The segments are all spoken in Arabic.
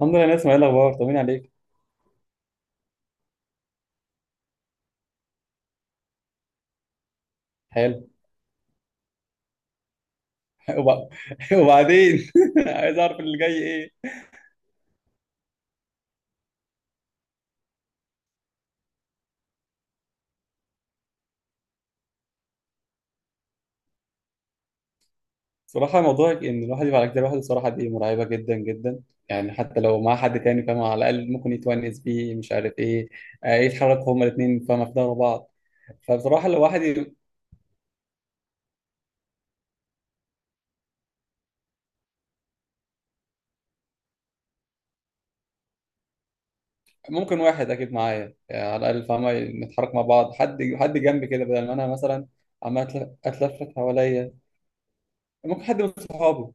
الحمد لله، نسمع ايه الاخبار؟ طمني عليك. حلو. وب- وبعدين عايز اعرف اللي جاي ايه؟ صراحه موضوع ان الواحد يبقى على كتاب لوحده، صراحه دي مرعبه جدا جدا. يعني حتى لو مع حد تاني، فاهم؟ على الاقل ممكن يتونس بيه، مش عارف ايه. يتحركوا هما الاثنين، فاهم؟ في ظهر بعض. فبصراحه لو واحد ممكن واحد اكيد معايا، يعني على الاقل فاهمه، نتحرك مع بعض، حد حد جنبي كده، بدل ما انا مثلا عمال اتلفت حواليا. ممكن حد من صحابي.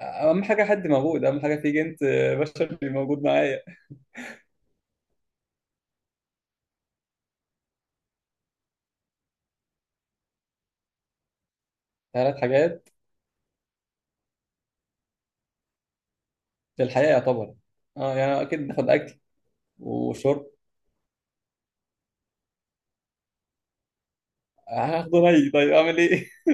اهم حاجه حد موجود، اهم حاجه في جنس بشر موجود معايا. ثلاث حاجات في الحياة يعتبر. اه، يعني اكيد باخد اكل وشرب. هاخده ني، طيب اعمل ايه؟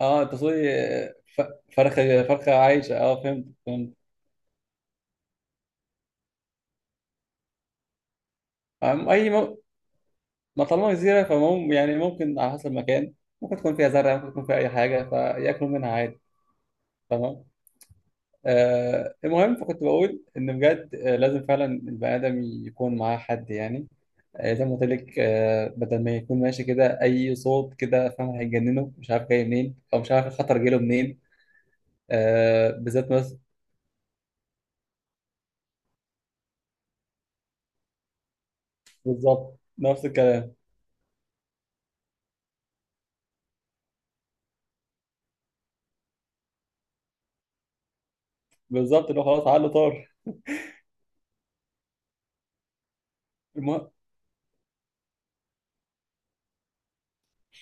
اه، انت تقصدي ف- فرخة فرخة عايشة، اه فهمت. أم- اي م... ما طالما جزيرة فمم يعني ممكن على حسب المكان. ممكن تكون فيها زرع، ممكن تكون فيها اي حاجة فياكلوا منها عادي. تمام. المهم، فكنت بقول ان بجد لازم فعلا البني ادم يكون معاه حد يعني. زي ما قلت لك، بدل ما يكون ماشي كده، اي صوت كده فاهم هيجننه، مش عارف جاي منين او مش عارف الخطر جاي له منين. بالذات مثلا. بالظبط نفس الكلام. بالظبط اللي هو خلاص عقله طار. المهم.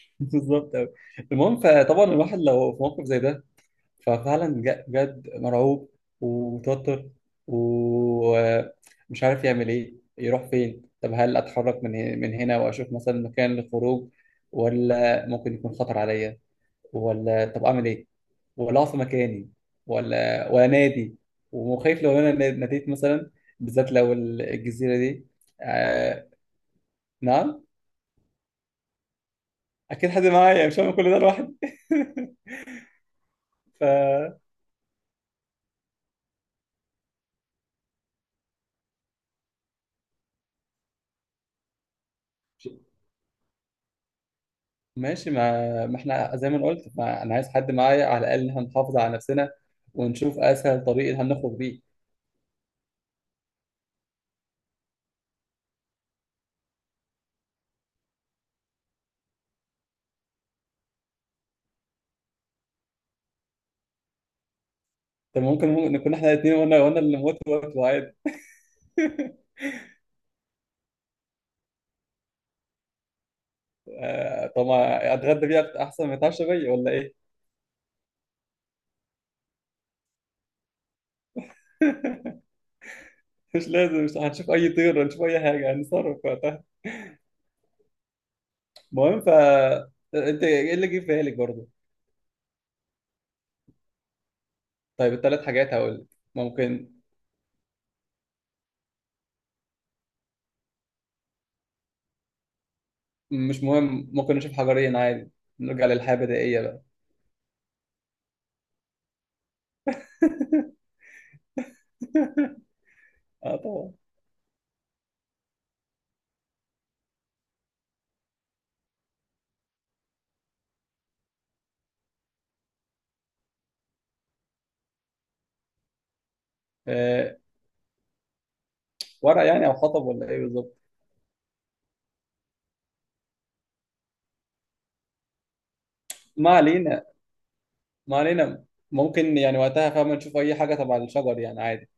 بالظبط أوي. المهم، فطبعا الواحد لو في موقف زي ده ففعلا بجد مرعوب ومتوتر ومش عارف يعمل ايه، يروح فين. طب هل اتحرك من هنا واشوف مثلا مكان للخروج، ولا ممكن يكون خطر عليا، ولا طب اعمل ايه، ولا اقف في مكاني، ولا نادي وخايف لو انا ناديت مثلا، بالذات لو الجزيره دي. آه... نعم. اكيد حد معايا، مش هعمل كل ده لوحدي. ف ماشي، ما احنا زي ما أنا قلت، ما انا عايز حد معايا على الاقل ان احنا نحافظ على نفسنا ونشوف اسهل طريق اللي هنخرج بيه. طب ممكن نكون احنا الاثنين، وانا اللي موت وقت عادي. طب ما اتغدى بيها احسن ما يتعشى بيا ولا ايه؟ مش لازم، مش هنشوف اي طير، هنشوف اي حاجه هنتصرف وقتها. المهم، فانت ايه اللي جه في بالك برضه؟ طيب الثلاث حاجات هقول لك. ممكن. مش مهم، ممكن نشوف حجرين عادي، نرجع للحياه البدائيه بقى. اه طبعا. آه ورق يعني او حطب ولا ايه بالظبط؟ ما علينا. ما علينا. ممكن يعني وقتها، فاهم؟ نشوف اي حاجه تبع الشجر يعني عادي.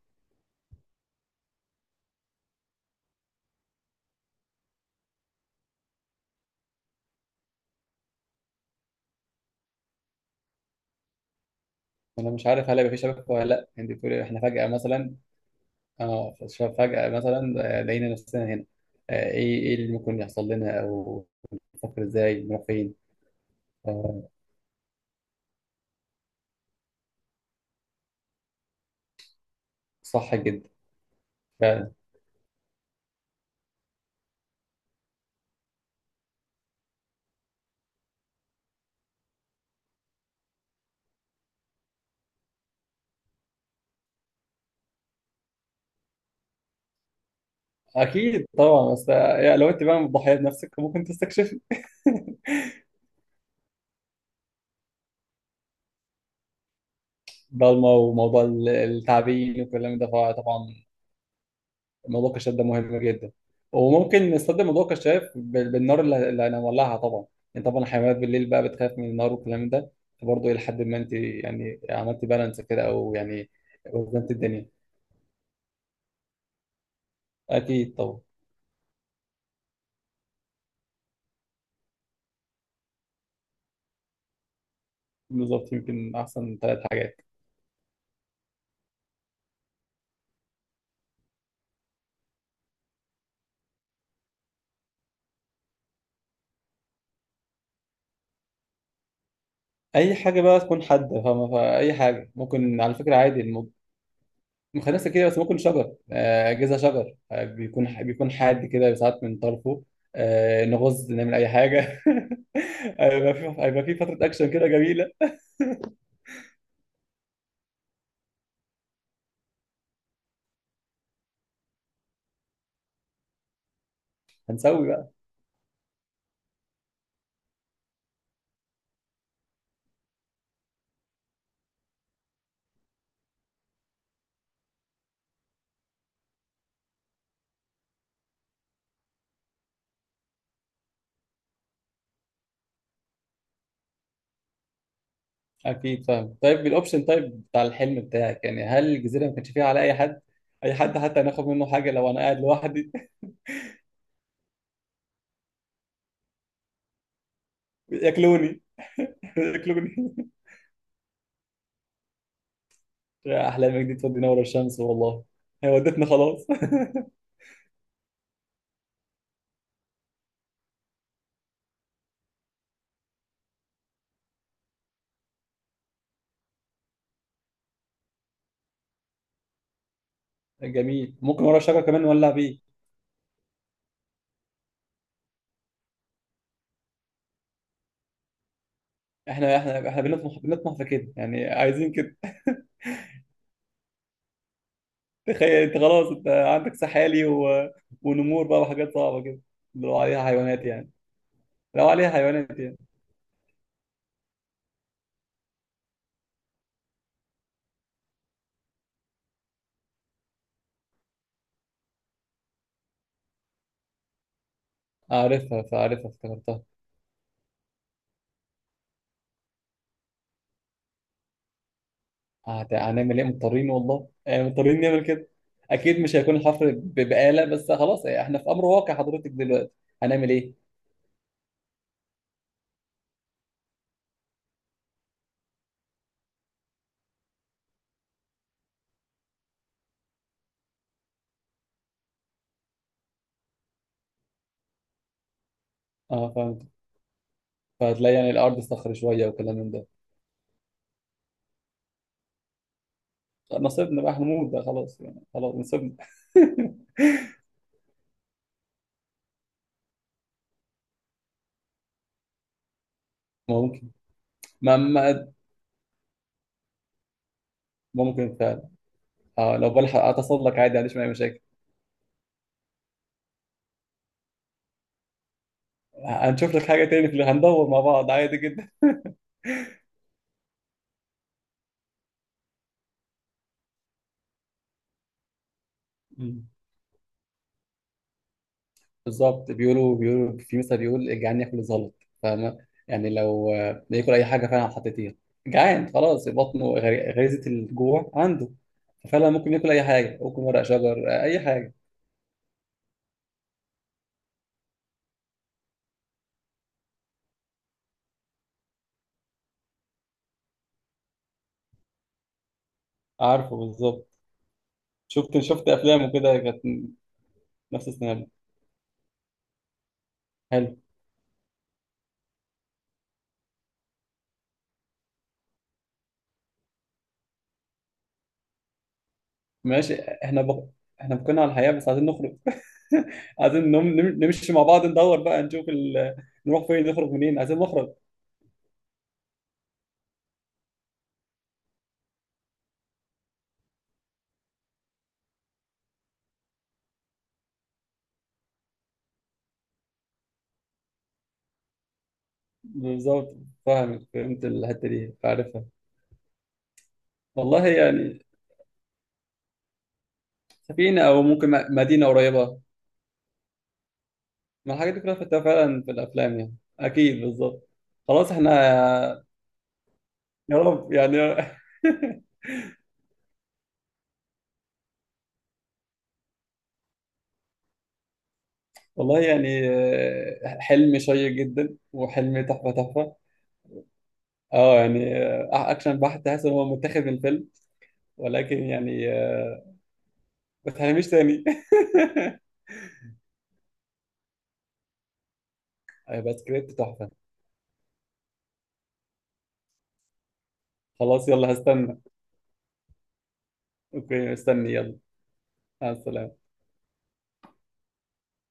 انا مش عارف هل هيبقى في شبكه ولا لا، انت بتقولي احنا فجاه مثلا. اه، فجأة مثلا، لقينا نفسنا هنا. ايه اللي ممكن يحصل لنا، او نفكر ازاي نروح فين. آه، صح جدا. فعلا. اكيد طبعا، بس يعني لو انت بقى مضحيه بنفسك ممكن تستكشفي. ضلمه، وموضوع التعبين والكلام ده طبعا. موضوع الكشاف ده مهم جدا، وممكن نستخدم موضوع الكشاف بالنار اللي هنولعها طبعا. يعني طبعا الحيوانات بالليل بقى بتخاف من النار والكلام ده، فبرضه الى حد ما انت يعني عملتي بالانس كده او يعني وزنت الدنيا. اكيد طبعا. بالظبط، يمكن احسن ثلاث حاجات. اي حاجه بقى تكون حاده، فاهمه؟ فاي حاجه ممكن، على فكره عادي الموضوع. مخنثه كده، بس ممكن شجر، اجهزه شجر بيكون حاد كده ساعات من طرفه. نغز نعمل اي حاجه. هيبقى في فتره اكشن كده جميله. هنسوي بقى. اكيد فاهم، طيب الاوبشن طيب بتاع الحلم بتاعك يعني، هل الجزيره ما كانش فيها على اي حد، اي حد حتى هناخد منه حاجه، لو انا قاعد لوحدي؟ ياكلوني. ياكلوني. يا أحلامك دي تودينا ورا الشمس والله. هي ودتنا خلاص. جميل، ممكن ورا الشجرة كمان نولع بيه. احنا بنطمح في كده يعني، عايزين كده. تخيل انت خلاص، انت عندك سحالي ونمور بقى، وحاجات صعبة كده، لو عليها حيوانات يعني. لو عليها حيوانات يعني. عارفها، فعارفها افتكرتها. هنعمل ايه، مضطرين والله يعني، مضطرين نعمل كده. اكيد مش هيكون الحفر بآلة، بس خلاص احنا في امر واقع حضرتك دلوقتي، هنعمل ايه؟ اه فهمت. فهتلاقي يعني الارض صخر شوية وكلام من ده. نصيبنا بقى هنموت ده، خلاص يعني، خلاص نصيبنا. ممكن. ما ما- ممكن فعلا. اه، لو بلحق اتصل لك عادي، ما عنديش اي مشاكل. هنشوف لك حاجه تاني في اللي هندور مع بعض، عادي جدا. مم. بالظبط، بيقولوا في مثل بيقول الجعان ياكل الزلط. فاهمه؟ يعني لو ياكل اي حاجه فعلا حطيتيها، جعان خلاص، بطنه غريزه الجوع عنده، فعلا ممكن ياكل اي حاجه، ممكن ورق شجر اي حاجه. عارفه بالظبط. شفت افلام وكده، كانت نفس السيناريو. حلو. ماشي احنا احنا بقينا على الحياة، بس عايزين نخرج. عايزين نمشي مع بعض، ندور بقى نشوف نروح فين، نخرج منين، عايزين نخرج. بالظبط، فاهم فهمت الحتة دي عارفها. والله يعني. سفينة أو ممكن مدينة قريبة. ما الحاجات دي كلها فتاة فعلا في الأفلام، يعني أكيد بالظبط. خلاص احنا. يا رب يعني. والله يعني، حلم شيق جدا، وحلم تحفة تحفة. اه يعني أكشن بحت، تحس إن هو متاخد من الفيلم، ولكن يعني. ما تحرميش تاني. هيبقى سكريبت تحفة. خلاص يلا، هستنى. اوكي، استني يلا. مع السلامة.